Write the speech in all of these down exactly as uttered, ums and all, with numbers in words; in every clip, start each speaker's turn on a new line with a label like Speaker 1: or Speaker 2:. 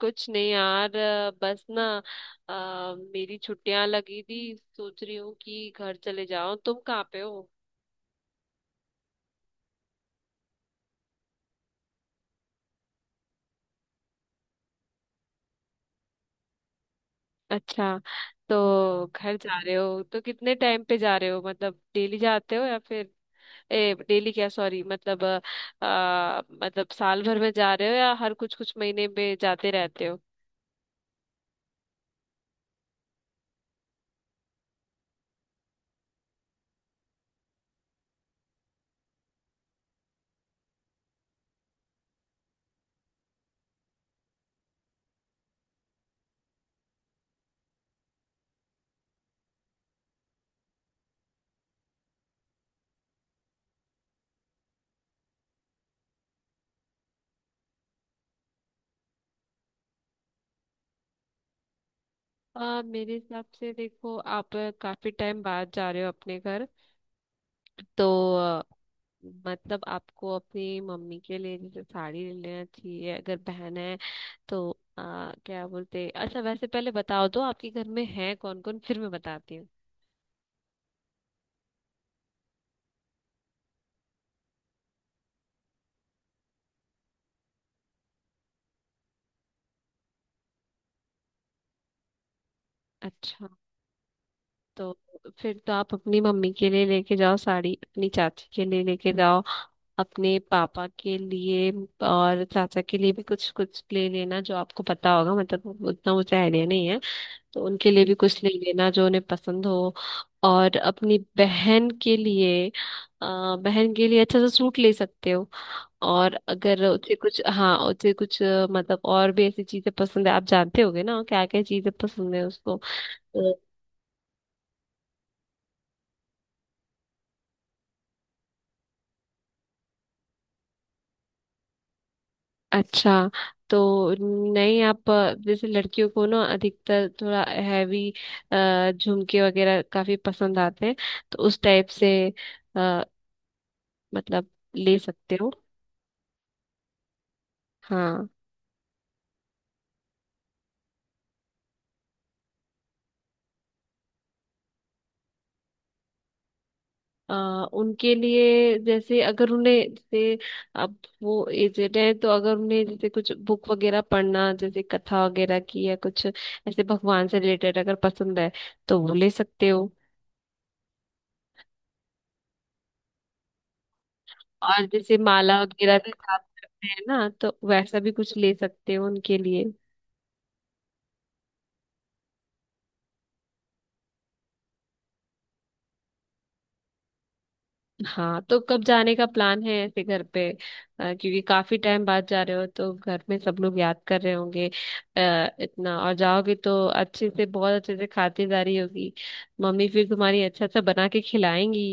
Speaker 1: कुछ नहीं यार अ, बस ना। अ, मेरी छुट्टियां लगी थी। सोच रही हूँ कि घर चले जाओ। तुम कहाँ पे हो? अच्छा, तो घर जा रहे हो तो कितने टाइम पे जा रहे हो? मतलब डेली जाते हो या फिर ए डेली क्या? सॉरी, मतलब अ, अ, मतलब साल भर में जा रहे हो या हर कुछ कुछ महीने में जाते रहते हो? अ, मेरे हिसाब से देखो, आप काफी टाइम बाद जा रहे हो अपने घर, तो मतलब आपको अपनी मम्मी के लिए जैसे साड़ी ले लेना चाहिए। अगर बहन है तो आ, क्या बोलते। अच्छा, वैसे पहले बताओ तो आपके घर में है कौन कौन, फिर मैं बताती हूँ। अच्छा, तो फिर तो आप अपनी मम्मी के लिए लेके जाओ साड़ी, अपनी चाची के लिए लेके जाओ, अपने पापा के लिए और चाचा के लिए भी कुछ कुछ ले लेना, जो आपको पता होगा। मतलब उतना मुझे आइडिया नहीं है, तो उनके लिए भी कुछ ले लेना जो उन्हें पसंद हो। और अपनी बहन के लिए अ, बहन के लिए अच्छा सा सूट ले सकते हो। और अगर उसे कुछ, हाँ, उसे कुछ अ, मतलब और भी ऐसी चीजें पसंद है, आप जानते होगे ना क्या क्या चीजें पसंद है उसको तो। अच्छा, तो नहीं, आप अ, जैसे लड़कियों को ना अधिकतर थोड़ा हैवी झुमके वगैरह काफी पसंद आते हैं, तो उस टाइप से अ, मतलब ले सकते हो। हाँ, अ, उनके लिए जैसे अगर उन्हें जैसे अब वो एजेड है, तो अगर उन्हें जैसे कुछ बुक वगैरह पढ़ना जैसे कथा वगैरह की या कुछ ऐसे भगवान से रिलेटेड अगर पसंद है तो वो ले सकते हो। और जैसे माला वगैरह भी प्राप्त करते हैं ना, तो वैसा भी कुछ ले सकते हो उनके लिए। हाँ, तो कब जाने का प्लान है ऐसे घर पे? अ, क्योंकि काफी टाइम बाद जा रहे हो तो घर में सब लोग याद कर रहे होंगे। आ, इतना और जाओगे तो अच्छे से, बहुत अच्छे से खातिरदारी होगी। मम्मी फिर तुम्हारी अच्छा सा बना के खिलाएंगी।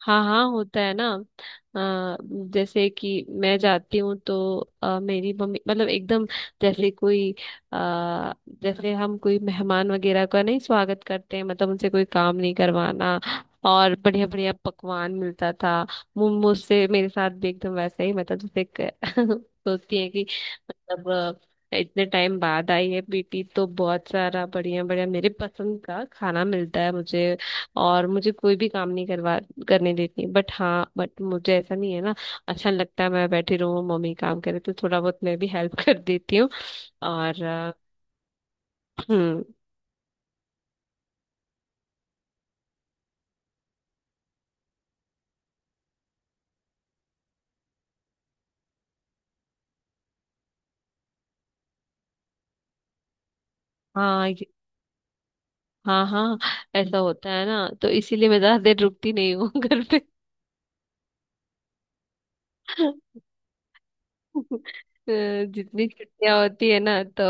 Speaker 1: हाँ हाँ, होता है ना। अ, जैसे कि मैं जाती हूँ तो अ, मेरी मम्मी मतलब एकदम जैसे कोई आ, जैसे हम कोई मेहमान वगैरह का नहीं स्वागत करते हैं, मतलब उनसे कोई काम नहीं करवाना। और बढ़िया बढ़िया पकवान मिलता था। मु- मुझसे, मेरे साथ भी एकदम वैसा ही, मतलब जैसे क- सोचती है कि मतलब अ, इतने टाइम बाद आई है बेटी तो बहुत सारा बढ़िया बढ़िया मेरे पसंद का खाना मिलता है मुझे। और मुझे कोई भी काम नहीं करवा करने देती है। बट हाँ, बट मुझे ऐसा नहीं है ना, अच्छा लगता है मैं बैठी रहूँ मम्मी काम करे, तो थोड़ा बहुत मैं भी हेल्प कर देती हूँ। और अ, हम्म। हाँ ये- हाँ हाँ, ऐसा होता है ना, तो इसीलिए मैं ज्यादा देर रुकती नहीं हूँ घर पे। अ, जितनी छुट्टियां होती है ना तो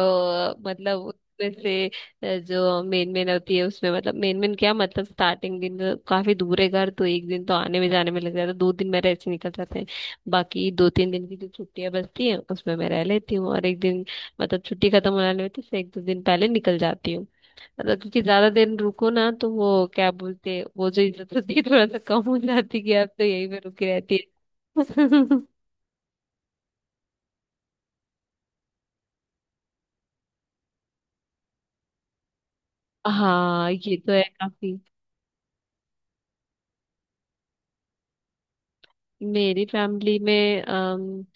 Speaker 1: अ, मतलब उसमें से अ, जो मेन मेन होती है उसमें, मतलब मेन मेन क्या, मतलब स्टार्टिंग दिन तो काफी दूर है घर, तो एक दिन तो आने में जाने में लग जाता है, दो दिन मेरे ऐसे निकल जाते हैं। बाकी दो तीन दिन की जो छुट्टियां बचती हैं उसमें मैं रह लेती हूँ, और एक दिन मतलब छुट्टी खत्म होने में तो उससे एक दो दिन पहले निकल जाती हूँ। मतलब क्योंकि ज्यादा दिन रुको ना तो वो क्या बोलते हैं, वो जो इज्जत होती है थोड़ा सा कम हो जाती है कि आप तो यहीं पे रुकी रहती है। हाँ, ये तो है काफी। मेरी फैमिली में अम,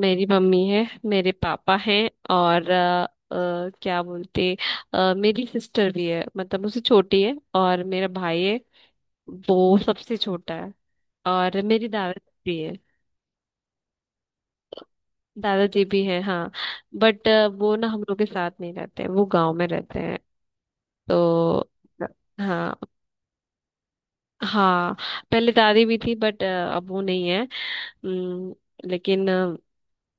Speaker 1: मेरी मम्मी है, मेरे पापा हैं, और अ, अ, क्या बोलते, अ, मेरी सिस्टर भी है, मतलब मुझसे छोटी है, और मेरा भाई है, वो सबसे छोटा है। और मेरी दादाजी भी है। दादाजी भी हैं, हाँ। बट वो ना हम लोग के साथ नहीं रहते, वो गांव में रहते हैं तो। हाँ। हाँ, पहले दादी भी थी बट अब वो नहीं है। अम, लेकिन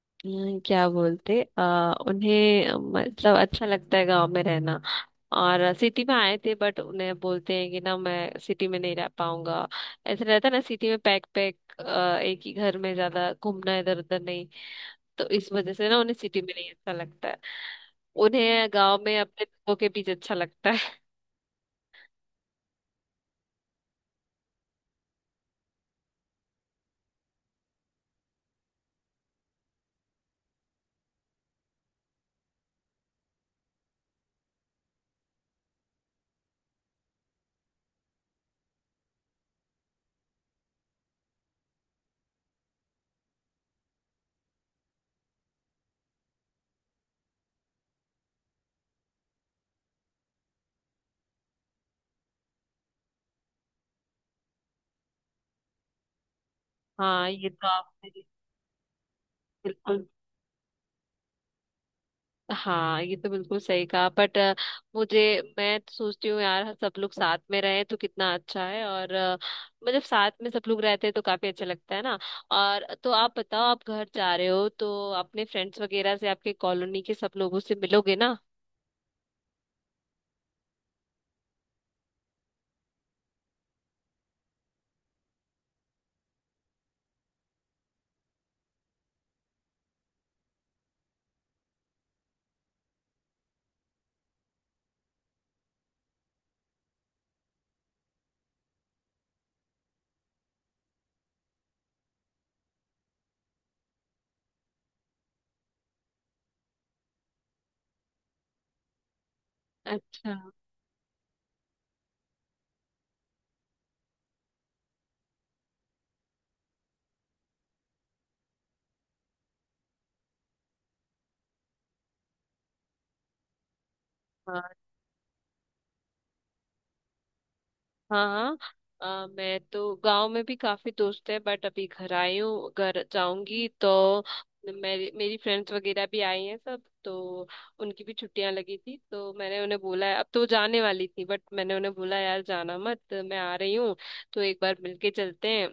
Speaker 1: हम्म, क्या बोलते, आ, उन्हें मतलब अच्छा लगता है गांव में रहना। और सिटी में आए थे बट उन्हें, बोलते हैं कि ना मैं सिटी में नहीं रह पाऊंगा। ऐसा रहता है ना सिटी में, पैक पैक, एक ही घर में, ज्यादा घूमना इधर उधर नहीं, तो इस वजह से ना उन्हें सिटी में नहीं अच्छा लगता है। उन्हें गांव में अपने लोगों के बीच अच्छा लगता है। हाँ ये तो आपने, बिल्कुल, हाँ ये तो बिल्कुल सही कहा। बट मुझे, मैं तो सोचती हूँ यार सब लोग साथ में रहें तो कितना अच्छा है। और अ, मतलब साथ में सब लोग रहते हैं तो काफी अच्छा लगता है ना। और तो आप बताओ, आप घर जा रहे हो तो अपने फ्रेंड्स वगैरह से, आपके कॉलोनी के सब लोगों से मिलोगे ना? अच्छा। हाँ हाँ, हाँ अ, मैं तो गांव में भी काफी दोस्त है। बट अभी घर आई हूँ, घर जाऊंगी तो मेरी मेरी फ्रेंड्स वगैरह भी आई हैं सब तो, उनकी भी छुट्टियां लगी थी तो मैंने उन्हें बोला है। अब तो वो जाने वाली थी बट मैंने उन्हें बोला यार जाना मत, मैं आ रही हूँ, तो एक बार मिलके चलते हैं,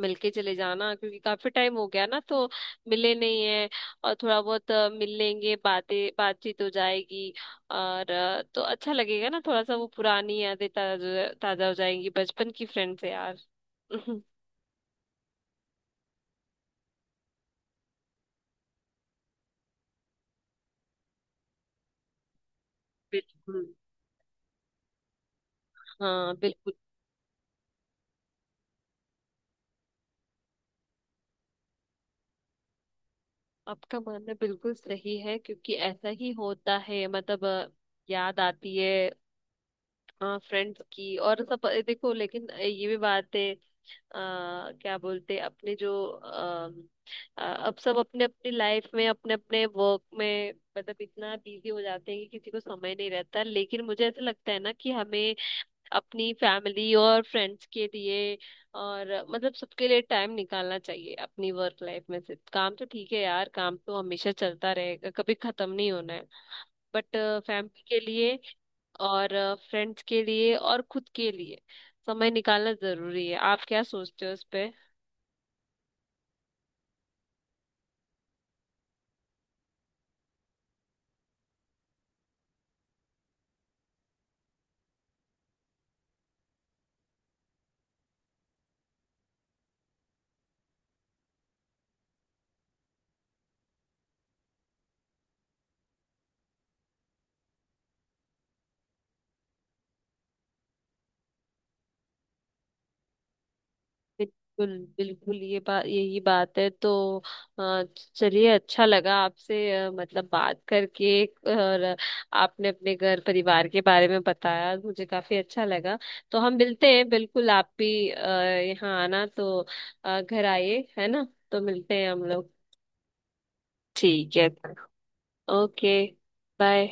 Speaker 1: मिलके चले जाना। क्योंकि काफी टाइम हो गया ना, तो मिले नहीं है, और थोड़ा बहुत अ, मिल लेंगे, बातें बातचीत हो जाएगी। और अ, तो अच्छा लगेगा ना, थोड़ा सा वो पुरानी यादें ताजा ताजा हो जाएंगी बचपन की फ्रेंड से यार। बिल्कुल। हाँ बिल्कुल, आपका मानना बिल्कुल सही है, क्योंकि ऐसा ही होता है। मतलब अ, याद आती है हाँ फ्रेंड्स की। और सब अ, देखो, लेकिन ये भी बात है, आ, क्या बोलते हैं, अपने जो अ, अ, अब सब अपने अपनी लाइफ में, अपने अपने वर्क में, मतलब इतना बिजी हो जाते हैं कि किसी को समय नहीं रहता। लेकिन मुझे ऐसा लगता है ना कि हमें अपनी फैमिली और फ्रेंड्स के लिए और अ, मतलब सबके लिए टाइम निकालना चाहिए अपनी वर्क लाइफ में से। काम तो ठीक है यार, काम तो हमेशा चलता रहेगा, कभी खत्म नहीं होना है। बट फैमिली के लिए और फ्रेंड्स के लिए और खुद के लिए समय निकालना जरूरी है। आप क्या सोचते हो इस पे? बिल्कुल बिल्कुल, ये बात, यही बात है तो अ, चलिए, अच्छा लगा आपसे अ, मतलब बात करके। और आपने अपने घर परिवार के बारे में बताया, मुझे काफी अच्छा लगा। तो हम मिलते हैं, बिल्कुल। आप भी अ, यहाँ आना तो अ, घर आइए, है ना, तो मिलते हैं हम लोग। ठीक है। ओके। बाय।